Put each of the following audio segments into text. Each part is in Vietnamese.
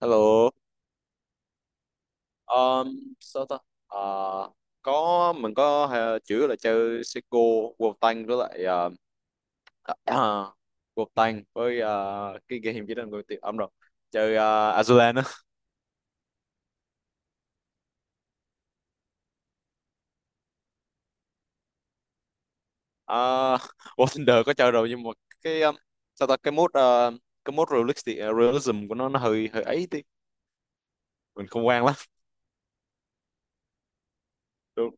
Hello, um, sao ta? À, có mình có chủ yếu là chơi Seiko, World Tank với lại uh, uh, World Tank với cái game gì đó người tiệm âm rồi chơi Azulan á. Uh, War Thunder có chơi rồi nhưng mà cái sao ta cái mode realistic, à, realism của nó hơi hơi ấy tí mình không quen lắm. Đúng.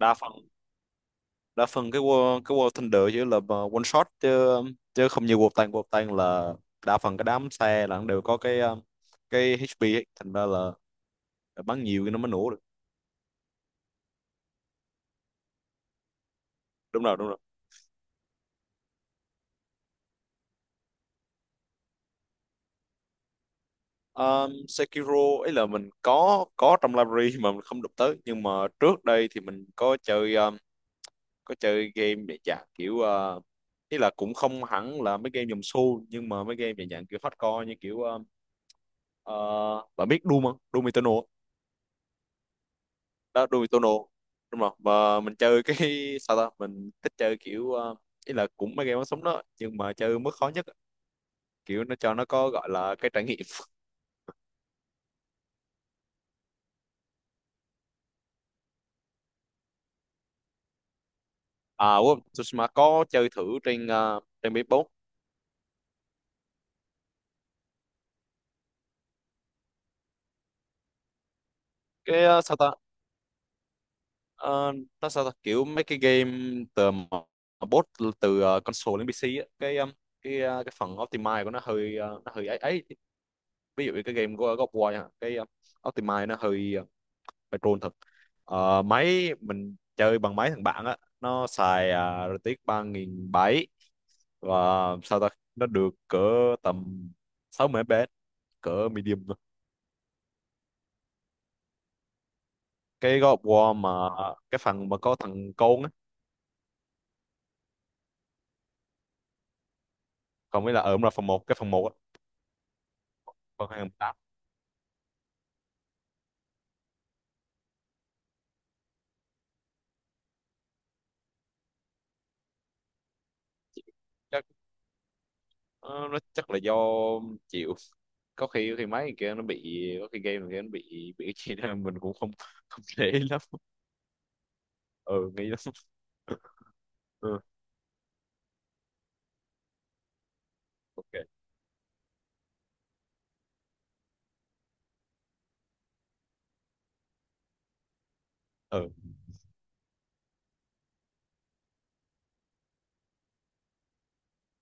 Đa phần đa phần cái War Thunder chỉ là mà one shot chứ chứ không như War Tank, War Tank là đa phần cái đám xe là nó đều có cái HP ấy. Thành ra là bắn nhiều thì nó mới nổ được. Đúng rồi, đúng rồi. Sekiro ấy là mình có trong library mà mình không đụng tới, nhưng mà trước đây thì mình có chơi game để dạng kiểu uh, ý là cũng không hẳn là mấy game dòng xu, nhưng mà mấy game về dạng kiểu hardcore như kiểu ờ, bạn biết Doom không? Doom Eternal đó. Doom đúng không? Mà mình chơi cái sao ta, mình thích chơi kiểu ý là cũng mấy game bắn súng đó nhưng mà chơi mức khó nhất á. Kiểu nó cho nó có gọi là cái trải nghiệm. À quên, Tsushima có chơi thử trên trên PS4. Sao ta? Ờ, nó sao ta kiểu mấy cái game từ mà- mà bot từ console đến PC á, cái phần optimize của nó hơi nó hơi ấy ấy. Ví dụ như cái game của God of War nha, optimize nó hơi phải troll thật. Ờ, máy mình chơi bằng máy thằng bạn á, nó xài rờ tê ích ba nghìn bảy. Và sao ta, nó được cỡ tầm 60 FPS cỡ medium thôi. Cái God of War mà cái phần mà có thằng côn á, còn mới là ở là phần một, cái phần 1 á. Phần hai, phần tám. Chắc ờ, nó chắc là do, chịu, có khi khi máy kia nó bị, có khi game kia nó bị cái gì đó mình cũng không không để ý lắm. Ừ, nghĩ lắm. Ừ. Ok. Ừ,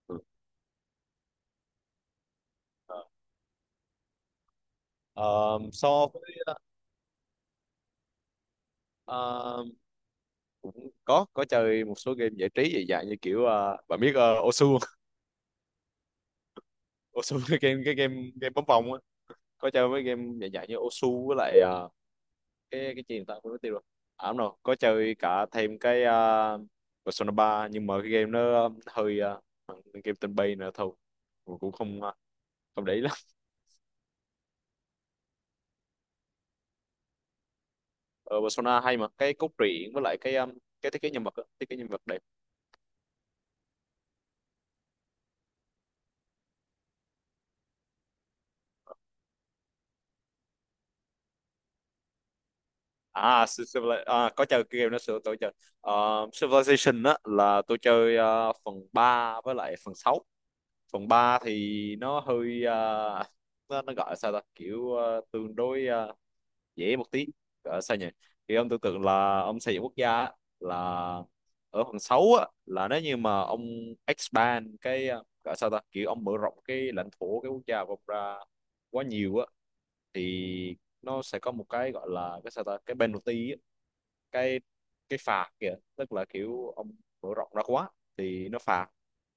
ừ. Ờ. Ờ, so với ờ, cũng có chơi một số game giải trí dị dạng như kiểu bạn biết Osu không? Osu, cái game game bóng vòng á. Có chơi mấy game dạng dạng như Osu, với lại cái gì người ta quên mất tiêu rồi. À đúng rồi, có chơi cả thêm Persona ba, nhưng mà cái game nó hơi game tên bay nữa thôi. Mình cũng không không để ý lắm. Ờ, Persona hay mà, cái cốt truyện với lại cái thiết kế nhân vật á, thiết kế nhân vật đẹp. À Civilization à, có chơi cái game đó sửa tôi chơi. Ờ, Civilization á là tôi chơi phần 3 với lại phần sáu. Phần 3 thì nó hơi nó gọi là sao ta, kiểu tương đối dễ một tí. Gọi là sao nhỉ, thì ông tưởng tượng là ông xây dựng quốc gia á, là ở phần 6 á, là nếu như mà ông expand gọi là sao ta, kiểu ông mở rộng cái lãnh thổ cái quốc gia của ông ra quá nhiều thì nó sẽ có một cái gọi là cái sao ta, cái penalty á, cái cái phạt kìa, tức là kiểu ông mở rộng ra quá thì nó phạt,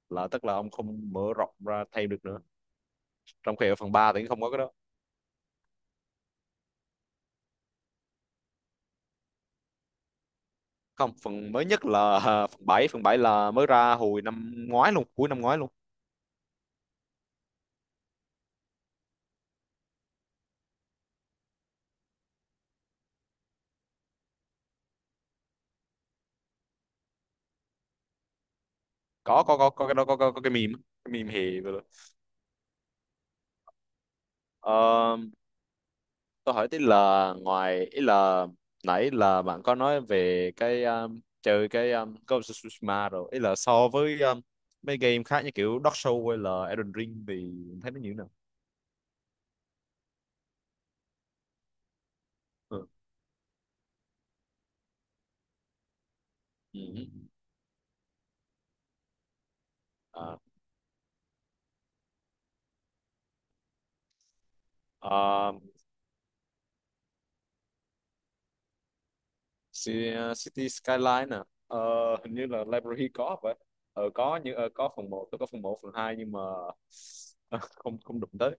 là tức là ông không mở rộng ra thêm được nữa, trong khi ở phần 3 thì không có cái đó. Không, phần mới nhất là phần bảy. Phần 7 là mới ra hồi năm ngoái luôn, cuối năm ngoái luôn. Có, cái đó có, có cái meme á, cái meme hề vừa rồi. Ờ, tôi hỏi tí là ngoài, ý là nãy là bạn có nói về cái chơi cái Ghost of Tsushima rồi, ý là so với mấy game khác như kiểu Dark Souls hay là Elden Ring thì thấy nó như thế nào? Ừ. Ừ. À. À. City Skyline nè. Ờ, hình như là library có vậy. Ờ, có như có phần một, tôi có phần một, phần hai, nhưng mà ờ, không không đụng tới.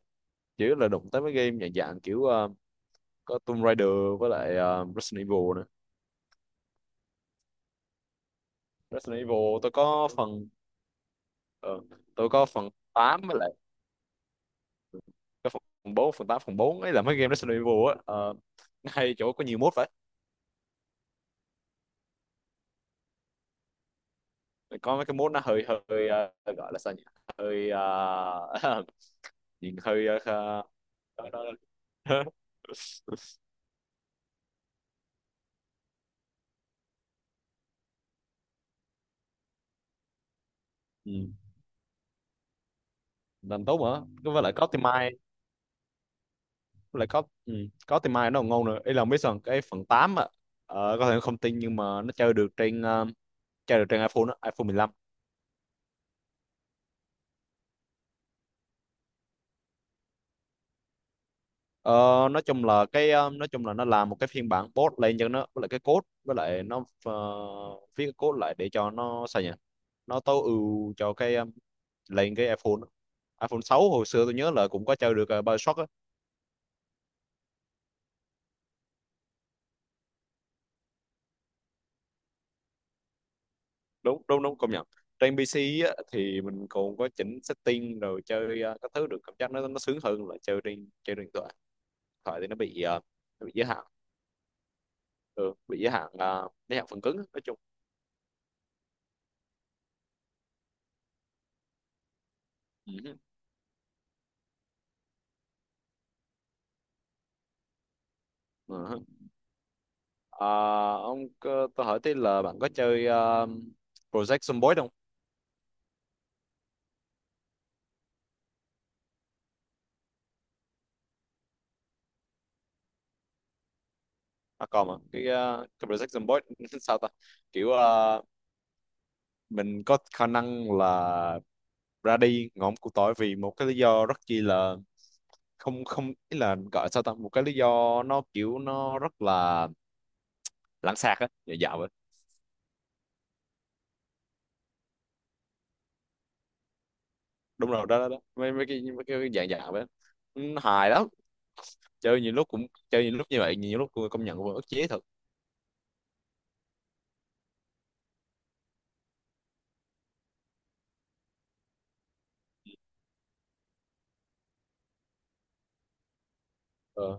Chỉ là đụng tới mấy game dạng dạng kiểu có Tomb Raider với lại Resident Evil. Resident Evil tôi có phần ờ, tôi có phần 8 với lại cái phần bốn. Phần tám, phần 4 ấy là mấy game Resident Evil á, nó hay chỗ có nhiều mode vậy. Có mấy cái mode nó hơi hơi gọi là sao nhỉ, hơi nhìn hơi ừ. Làm tốt mà. Cứ với lại có tim mai, với lại có, ừ. Có tim mai nó còn ngon nữa. Ý là không biết sao cái phần 8 á, có thể không tin nhưng mà nó chơi được trên chơi được trên iPhone á, iPhone 15. Ờ, nói chung là nói chung là nó làm một cái phiên bản post lên cho nó, với lại cái code, với lại nó viết cái code lại để cho nó sao nhỉ, nó tối ưu cho lên cái iPhone á. iPhone 6 hồi xưa tôi nhớ là cũng có chơi được BioShock á. Đúng, đúng, đúng, công nhận. Trên PC á, thì mình còn có chỉnh setting rồi chơi các thứ được, cảm giác nó sướng hơn là chơi trên điện thoại. Điện thoại thì nó bị nó bị giới hạn. Ừ, bị giới hạn giới hạn phần cứng á, nói chung. Ừ. Ờ, tôi hỏi tí là bạn có chơi Project Zomboid không? À còn mà cái Project Zomboid sao ta? Kiểu mình có khả năng là ra đi ngõm cụt tối vì một cái lý do rất chi là không không ý là gọi sao ta? Một cái lý do nó kiểu nó rất là lãng xẹt á, dạ dạ vậy. Đúng rồi, đó đó, đó. Mấy mấy cái dạng dạ vậy. Ừ, hài lắm. Chơi nhiều lúc như vậy, nhiều lúc tôi công nhận cũng ức chế thật. Ờ.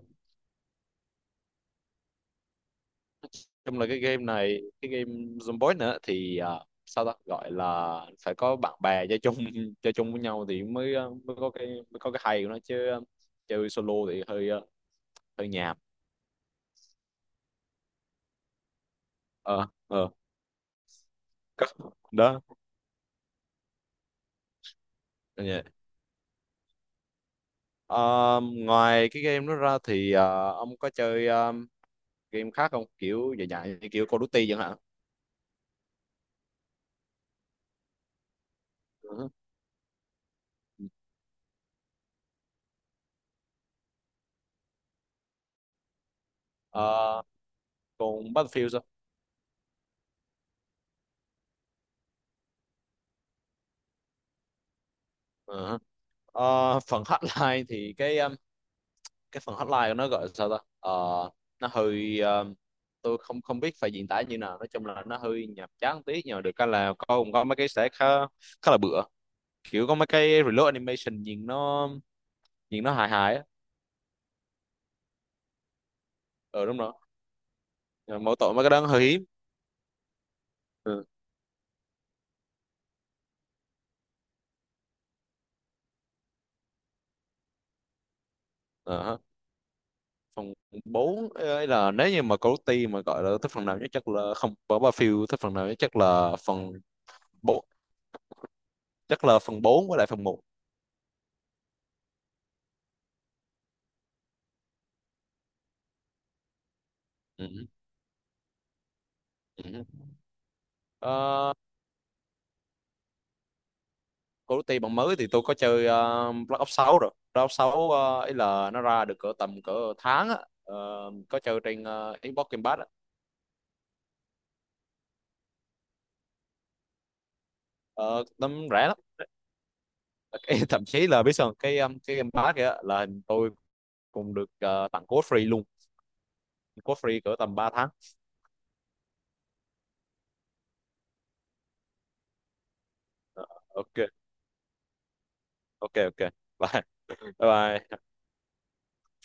Chung là cái game này, cái game Zomboid nữa thì à, sao ta gọi là phải có bạn bè chơi chung, chơi chung với nhau thì mới mới có cái hay của nó, chứ chơi solo thì hơi hơi nhàm. Ờ, ờ. có- Đó. Dạ. Ờ, ngoài cái game đó ra thì ông có chơi game khác không, kiểu dài dài như kiểu Call of Duty chẳng hạn? Uh, còn Battlefield sao? Ờ, phần hotline thì cái phần hotline của nó gọi là sao ta. Ờ, nó hơi tôi không không biết phải diễn tả như nào. Nói chung là nó hơi nhàm chán tí, nhưng mà được cái là có, cũng có mấy cái sẽ khá khá là bựa, kiểu có mấy cái reload animation nhìn nó hài hài á. Ờ đúng rồi. Nhưng mỗi tội mấy cái đó nó hơi hiếm. Ừ. Ờ, phần 4 ấy là nếu như mà Cody mà gọi là thích phần nào nhất chắc là không có ba phiêu, thích phần nào nhất chắc là phần bốn, chắc là phần 4 với lại phần một. Ừ. Ừ. Ừ. Ờ, Call of Duty bản mới thì tôi có chơi Black Ops 6 rồi. Black Ops 6 ấy là nó ra được cỡ tầm cỡ tháng á. Ờ, có chơi trên Xbox Game Pass á. Ờ, tấm rẻ lắm. Cái- Thậm chí là biết sao không? Cái Game Pass kìa là tôi cũng được tặng code free luôn. Code free cỡ tầm ba tháng. Ờ, ok, ok. Bye. Bye, bye.